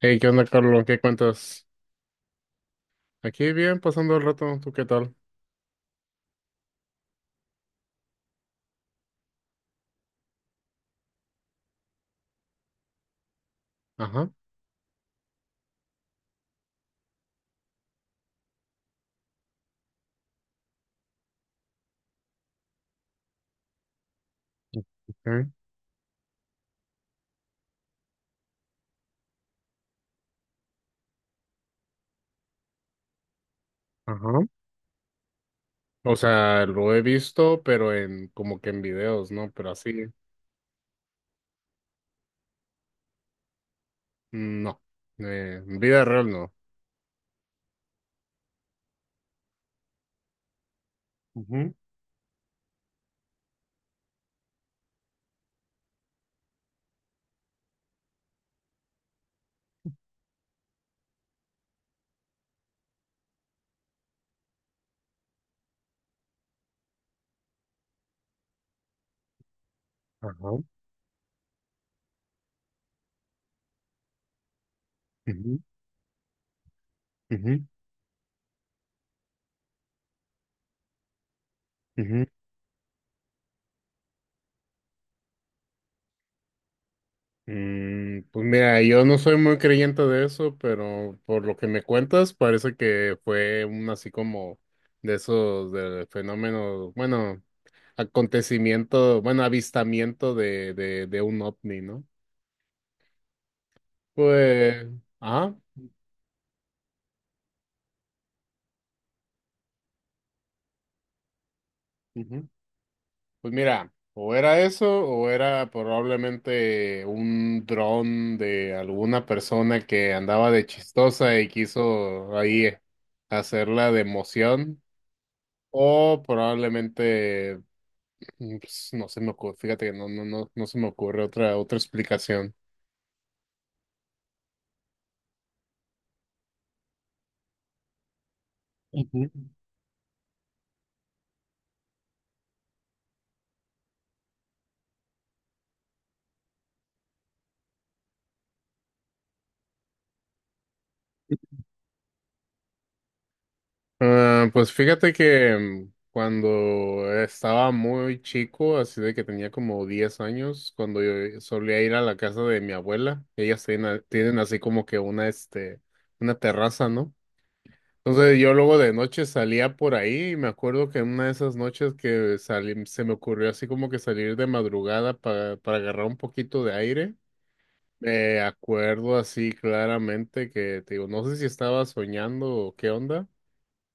Hey, ¿qué onda, Carlos? ¿Qué cuentas? Aquí bien, pasando el rato. ¿Tú qué tal? Ajá, ok, ajá. O sea, lo he visto, pero en como que en videos, ¿no? Pero así, mm, no. En vida real, no. Ujú. Ajá. Ujú, ujú, ujú. Pues mira, yo no soy muy creyente de eso, pero por lo que me cuentas, parece que fue un así como de esos de fenómenos, bueno, acontecimiento, bueno, avistamiento de un ovni, ¿no? Pues, ajá. Ujú. Pues mira, o era eso, o era probablemente un dron de alguna persona que andaba de chistosa y quiso ahí hacerla de emoción, o probablemente, pues, no se me ocurre, fíjate que no, no, no, no se me ocurre otra explicación. Ujú. Ah, pues fíjate que cuando estaba muy chico, así de que tenía como 10 años, cuando yo solía ir a la casa de mi abuela, ellas tienen, tienen así como que una terraza, ¿no? Entonces yo luego de noche salía por ahí y me acuerdo que en una de esas noches que salí, se me ocurrió así como que salir de madrugada para, agarrar un poquito de aire. Me acuerdo así claramente que, te digo, no sé si estaba soñando o qué onda.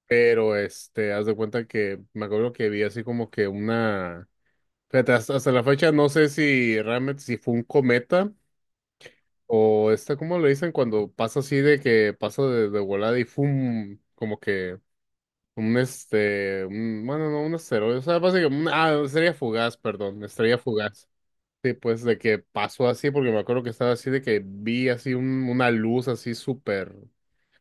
Pero haz de cuenta que me acuerdo que vi así como que una. Fíjate, hasta la fecha no sé si realmente si fue un cometa o esta, ¿cómo le dicen? Cuando pasa así de que pasa de volada y fum, como que bueno, no, un asteroide, o sea, básicamente, estrella fugaz, perdón, estrella fugaz. Sí, pues de que pasó así, porque me acuerdo que estaba así de que vi así una luz así súper,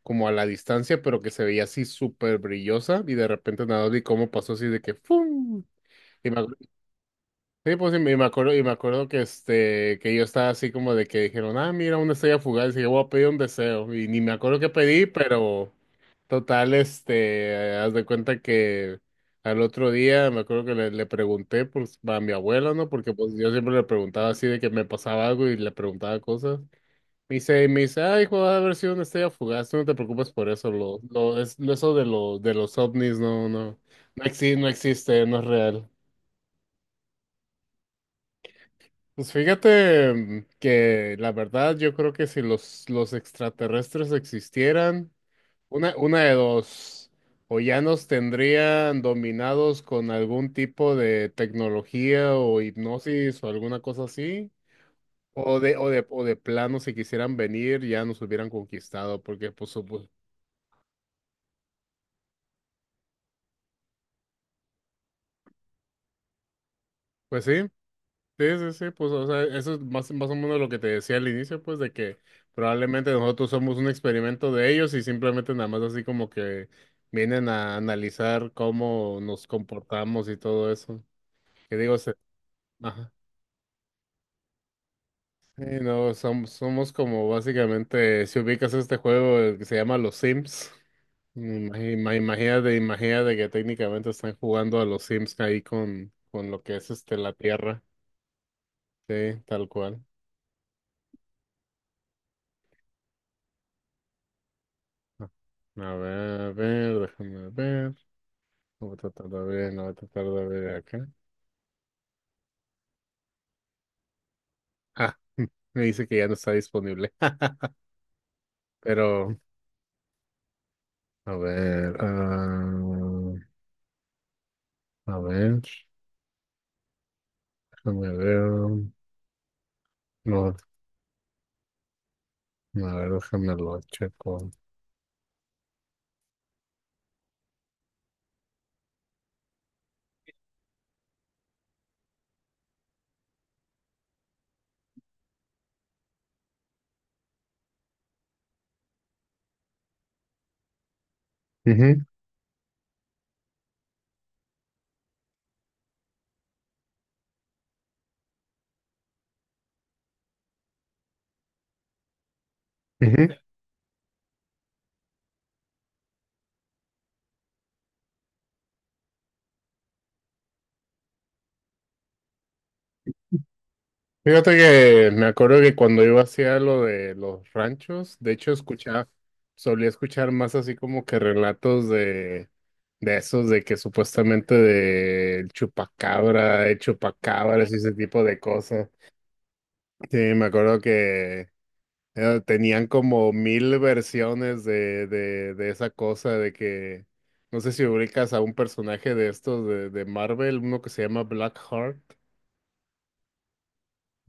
como a la distancia, pero que se veía así súper brillosa y de repente nada, vi cómo pasó así de que ¡fum! Sí, pues y me acuerdo que que yo estaba así como de que dijeron, ah, mira, una estrella fugaz, y yo voy a pedir un deseo. Y ni me acuerdo qué pedí, pero total, haz de cuenta que al otro día me acuerdo que le pregunté pues, a mi abuela, ¿no? Porque pues yo siempre le preguntaba así de que me pasaba algo y le preguntaba cosas. Me dice, ah, hijo, va a haber sido una estrella fugaz, tú no te preocupes por eso, eso de los ovnis, no, no, no existe, no existe, no es real. Pues fíjate mm, que la verdad yo creo que si los extraterrestres existieran, una de dos, o ya nos tendrían dominados con algún tipo de tecnología o hipnosis o alguna cosa así, o de plano si quisieran venir ya nos hubieran conquistado, porque pues, pues, sí. Sí, sí, sí, pues, o sea, eso es más o menos lo que te decía al inicio, pues, de que probablemente nosotros somos un experimento de ellos y simplemente nada más así como que vienen a analizar cómo nos comportamos y todo eso. Que digo, ajá. Sí, no, somos como básicamente, si ubicas este juego el que se llama Los Sims, imagínate que técnicamente están jugando a los Sims ahí con lo que es la Tierra, sí, tal cual. A a ver, déjame ver. No voy a tratar de ver, no voy a tratar de ver acá. Ah, me dice que ya no está disponible. Pero, a ver, a ver, déjame ver. No, a ver, déjame lo checo. Ujú, ujú. Fíjate que me acuerdo que cuando iba hacia lo de los ranchos, de hecho escuchaba, solía escuchar más así como que relatos de esos de que supuestamente de chupacabra, de chupacabras y ese tipo de cosas. Sí, me acuerdo que tenían como mil versiones de esa cosa, de que no sé si ubicas a un personaje de estos de Marvel, uno que se llama Blackheart.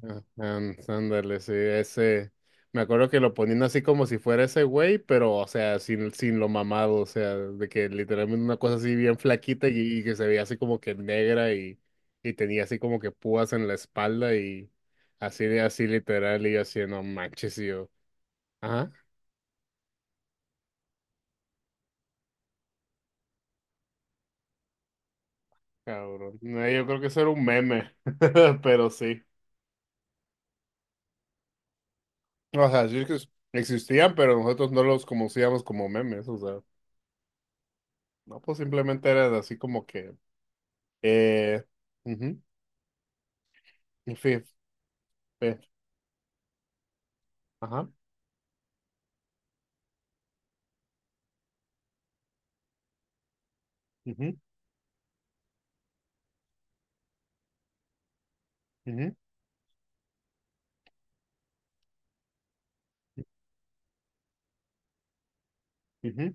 Ándale, sí, ese. Me acuerdo que lo ponían así como si fuera ese güey, pero, o sea, sin lo mamado, o sea, de que literalmente una cosa así bien flaquita y que se veía así como que negra y tenía así como que púas en la espalda y así de así literal y yo así, no manches, y yo. Ajá, cabrón. No, yo creo que eso era un meme, pero sí. O sea, sí que existían, pero nosotros no los conocíamos como memes, o sea, no, pues simplemente era así como que. Eh, ujú, y fe- fe- ajá, ujú, ujú, ujú,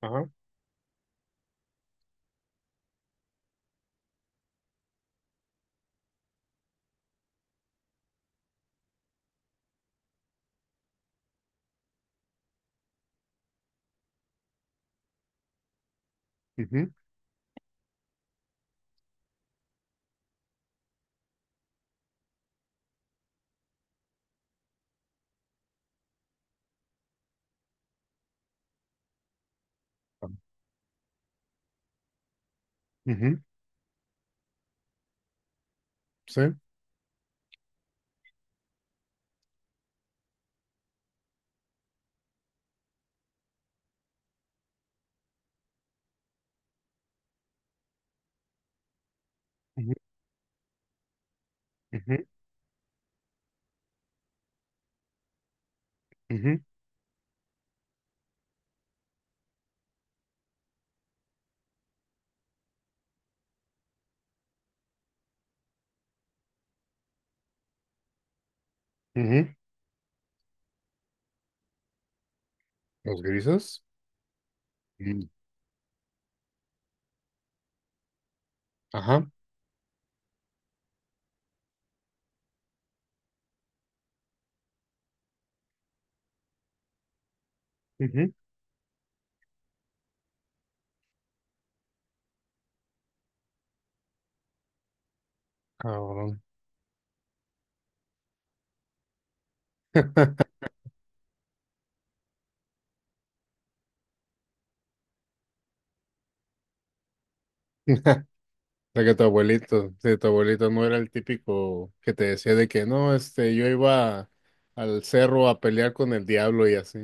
ajá, ujú, ajá, ujú, sí, ujú, ujú, ujú, ujú. Los grises. Mm. Ajá. Ujú. Cabrón. O sea que tu abuelito, sí, tu abuelito no era el típico que te decía de que no, este, yo iba al cerro a pelear con el diablo y así.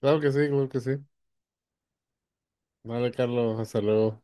Claro que sí, claro que sí. Vale, Carlos, hasta luego.